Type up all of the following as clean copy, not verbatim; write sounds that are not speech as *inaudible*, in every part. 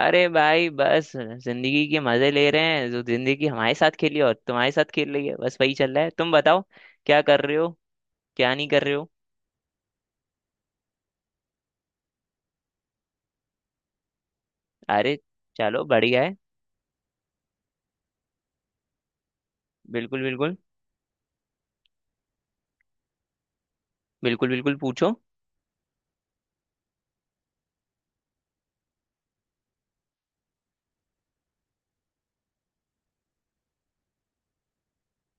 अरे भाई, बस जिंदगी के मजे ले रहे हैं। जो जिंदगी हमारे साथ खेली और तुम्हारे साथ खेल रही है, बस वही चल रहा है। तुम बताओ, क्या कर रहे हो, क्या नहीं कर रहे हो। अरे, चलो बढ़िया है। बिल्कुल बिल्कुल। बिल्कुल बिल्कुल पूछो।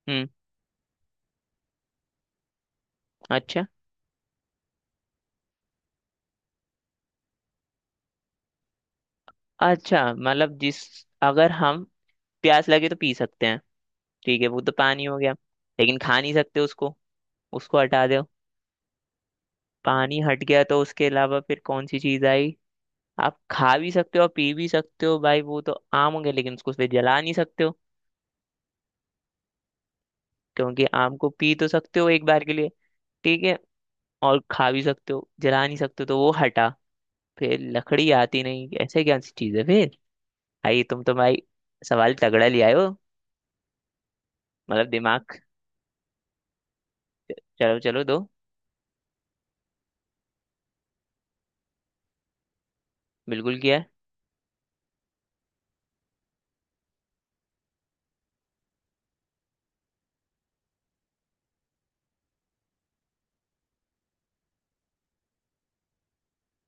हम्म। अच्छा। अच्छा मतलब जिस, अगर हम प्यास लगे तो पी सकते हैं। ठीक है, वो तो पानी हो गया, लेकिन खा नहीं सकते उसको। उसको हटा दो। पानी हट गया, तो उसके अलावा फिर कौन सी चीज आई। आप खा भी सकते हो और पी भी सकते हो भाई, वो तो आम हो गया, लेकिन उसको फिर जला नहीं सकते हो। क्योंकि आम को पी तो सकते हो एक बार के लिए, ठीक है, और खा भी सकते हो, जला नहीं सकते हो, तो वो हटा। फिर लकड़ी आती नहीं, ऐसे क्या सी चीज है फिर। आई तुम तो भाई, सवाल तगड़ा ले आए हो। मतलब दिमाग। चलो चलो दो। बिल्कुल किया है।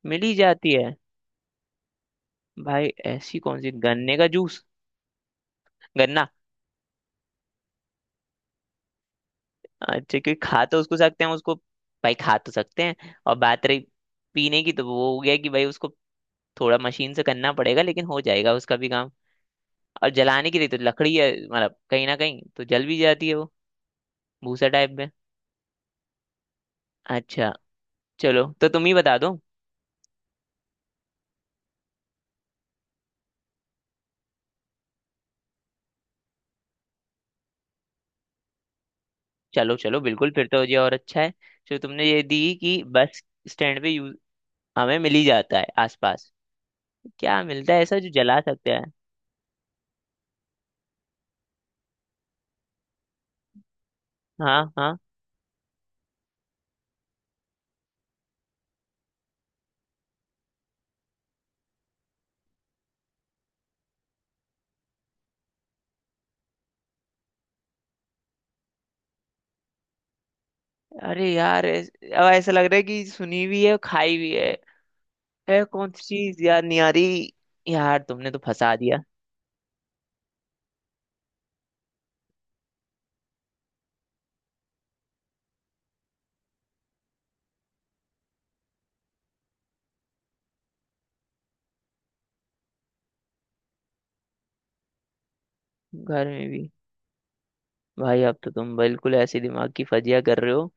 मिल ही जाती है। भाई ऐसी कौन सी, गन्ने का जूस। गन्ना। अच्छा, क्योंकि खा तो उसको सकते हैं, उसको। भाई खा तो सकते हैं। और बात रही पीने की, तो वो हो गया कि भाई उसको थोड़ा मशीन से करना पड़ेगा, लेकिन हो जाएगा उसका भी काम। और जलाने के लिए तो लकड़ी है, मतलब कहीं ना कहीं तो जल भी जाती है वो, भूसा टाइप में। अच्छा। चलो तो तुम ही बता दो। चलो चलो बिल्कुल, फिर तो ये और अच्छा है जो तुमने ये दी कि बस स्टैंड पे यूज, हमें मिल ही जाता है आसपास। क्या मिलता है ऐसा जो जला सकते हैं। हाँ हाँ। अरे यार अब ऐसा लग रहा है कि सुनी भी है और खाई भी है। कौन सी चीज याद नहीं आ रही। यार तुमने तो फंसा दिया। घर में भी। भाई अब तो तुम बिल्कुल ऐसे दिमाग की फजिया कर रहे हो।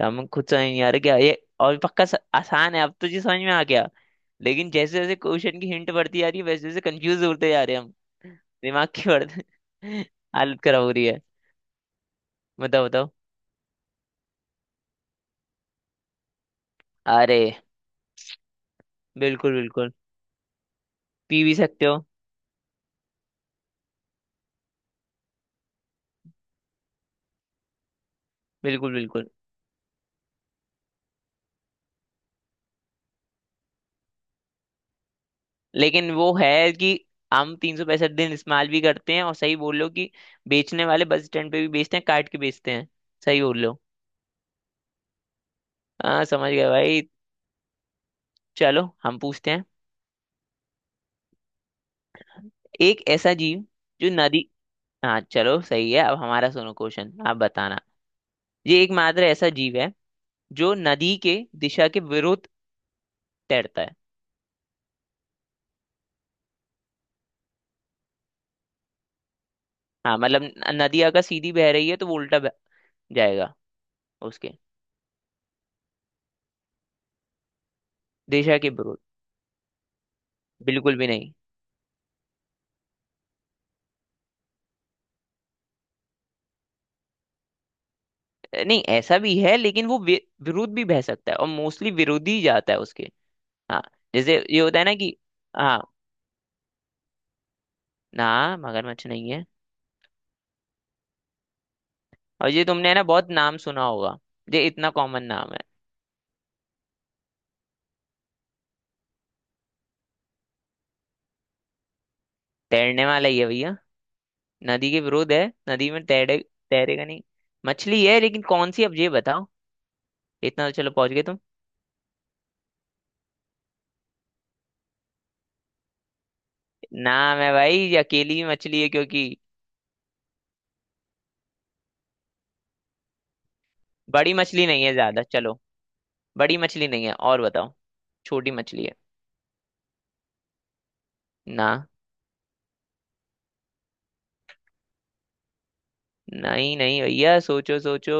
यार मैं खुद समझ नहीं आ रहा क्या ये। और पक्का आसान है, अब तो जी समझ में आ गया। लेकिन जैसे जैसे क्वेश्चन की हिंट बढ़ती जा रही है, वैसे वैसे कंफ्यूज होते जा रहे हैं हम। दिमाग की बढ़ते *laughs* हालत खराब हो रही है। बताओ बताओ। अरे बिल्कुल बिल्कुल। पी भी सकते हो। बिल्कुल बिल्कुल। लेकिन वो है कि हम 365 दिन इस्तेमाल भी करते हैं, और सही बोल लो कि बेचने वाले बस स्टैंड पे भी बेचते हैं, काट के बेचते हैं। सही बोल लो। हाँ समझ गया भाई। चलो हम पूछते हैं। एक ऐसा जीव जो नदी। हाँ चलो सही है, अब हमारा सुनो क्वेश्चन, आप बताना। ये एकमात्र ऐसा जीव है जो नदी के दिशा के विरुद्ध तैरता है। हाँ मतलब नदी अगर सीधी बह रही है तो वो उल्टा बह जाएगा। उसके दिशा के विरुद्ध, बिल्कुल भी नहीं। नहीं, ऐसा भी है लेकिन वो विरुद्ध भी बह सकता है, और मोस्टली विरोधी ही जाता है उसके। हाँ, जैसे ये होता है ना कि हाँ। ना, मगरमच्छ नहीं है। और ये तुमने, है ना, बहुत नाम सुना होगा, ये इतना कॉमन नाम है। तैरने वाला ही है भैया, नदी के विरोध है नदी में तैरे तैरेगा नहीं। मछली है लेकिन कौन सी, अब ये बताओ, इतना तो चलो पहुंच गए तुम। नाम है भाई, ये अकेली ही मछली है क्योंकि। बड़ी मछली नहीं है ज्यादा, चलो। बड़ी मछली नहीं है, और बताओ। छोटी मछली है। ना। नहीं नहीं भैया, सोचो सोचो।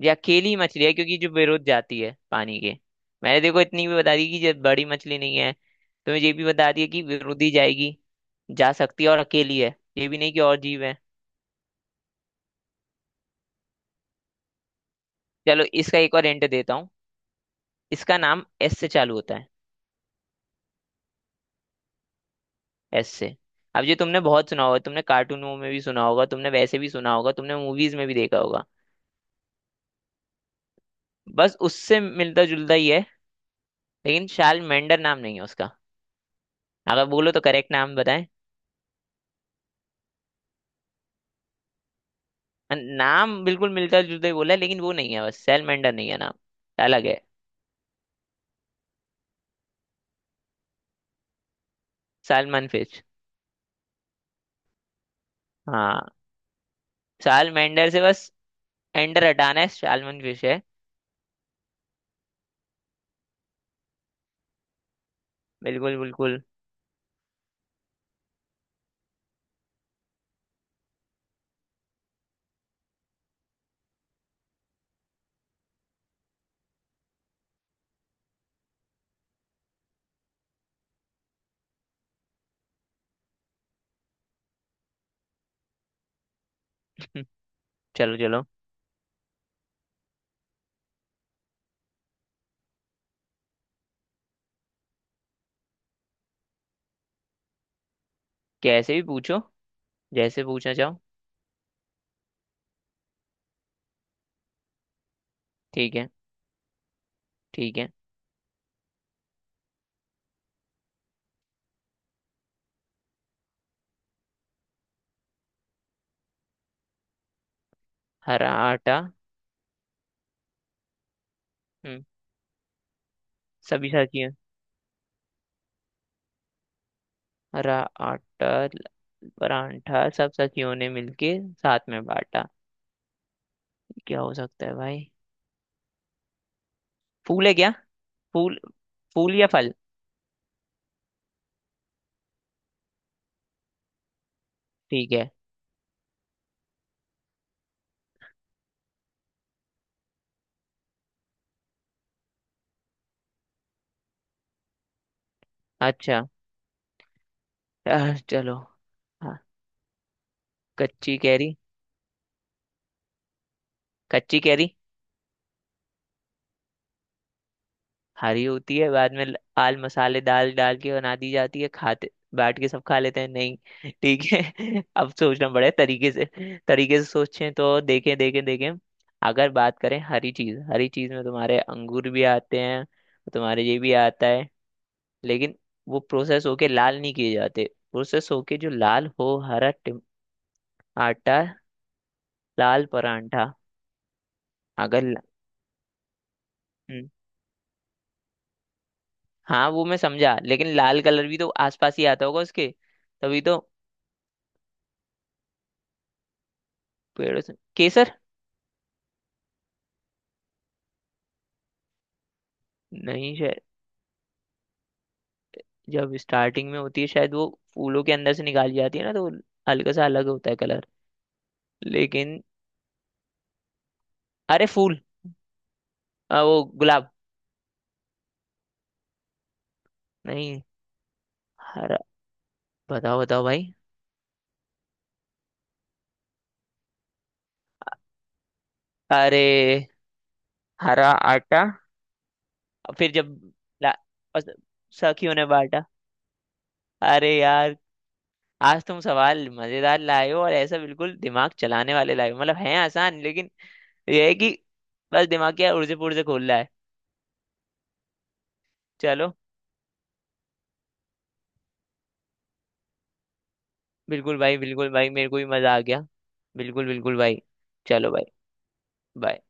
ये अकेली मछली है क्योंकि जो विरोध जाती है पानी के। मैंने देखो इतनी भी बता दी कि ये बड़ी मछली नहीं है, तुम्हें ये भी बता दिया कि विरोधी जाएगी, जा सकती है, और अकेली है, ये भी नहीं कि और जीव है। चलो इसका एक और हिंट देता हूँ, इसका नाम एस से चालू होता है। एस से। अब ये तुमने बहुत सुना होगा, तुमने कार्टूनों में भी सुना होगा, तुमने वैसे भी सुना होगा, तुमने मूवीज में भी देखा होगा। बस उससे मिलता जुलता ही है, लेकिन शाल मेंडर नाम नहीं है उसका, अगर बोलो तो करेक्ट नाम बताएं। नाम बिल्कुल मिलता जुलता ही बोला है लेकिन वो नहीं है, बस शाल मेंडर नहीं है नाम, अलग है। Salmon fish. हाँ। शाल मेंडर से बस एंडर हटाना है, सालमन फिश है। बिल्कुल बिल्कुल। *laughs* चलो चलो। कैसे भी पूछो, जैसे पूछना चाहो। ठीक है। ठीक है। हरा आटा। हम्म। सभी सखियों, हरा आटा परांठा सब सखियों ने मिलके साथ में बांटा, क्या हो सकता है भाई। फूल है क्या। फूल। फूल या फल। ठीक है। अच्छा। चलो। हाँ। कच्ची कैरी। कच्ची कैरी, हरी होती है बाद में, आल मसाले दाल डाल के बना दी जाती है, खाते बैठ के सब खा लेते हैं। नहीं ठीक है। *laughs* अब सोचना पड़ेगा तरीके से, तरीके से सोचें, तो देखें देखें देखें। अगर बात करें हरी चीज, हरी चीज में तुम्हारे अंगूर भी आते हैं, तुम्हारे ये भी आता है, लेकिन वो प्रोसेस होके लाल नहीं किए जाते। प्रोसेस होके जो लाल हो, हरा आटा, लाल परांठा। अगर। हम्म, हाँ वो मैं समझा, लेकिन लाल कलर भी तो आसपास ही आता होगा उसके, तभी तो। पेड़ों से केसर। नहीं शायद जब स्टार्टिंग में होती है, शायद वो फूलों के अंदर से निकाली जाती है ना, तो वो हल्का सा अलग होता है कलर। लेकिन। अरे फूल। वो गुलाब। नहीं। हरा। बताओ बताओ भाई। अरे। हरा आटा। और फिर जब ला- अस- सखियों ने बांटा। अरे यार, आज तुम सवाल मजेदार लाए हो और ऐसा बिल्कुल दिमाग चलाने वाले लाए हो, मतलब हैं आसान लेकिन ये है कि बस दिमाग क्या उड़जे पुड़जे खोल रहा है। चलो। बिल्कुल भाई बिल्कुल भाई, मेरे को भी मजा आ गया। बिल्कुल बिल्कुल भाई। चलो भाई। बाय।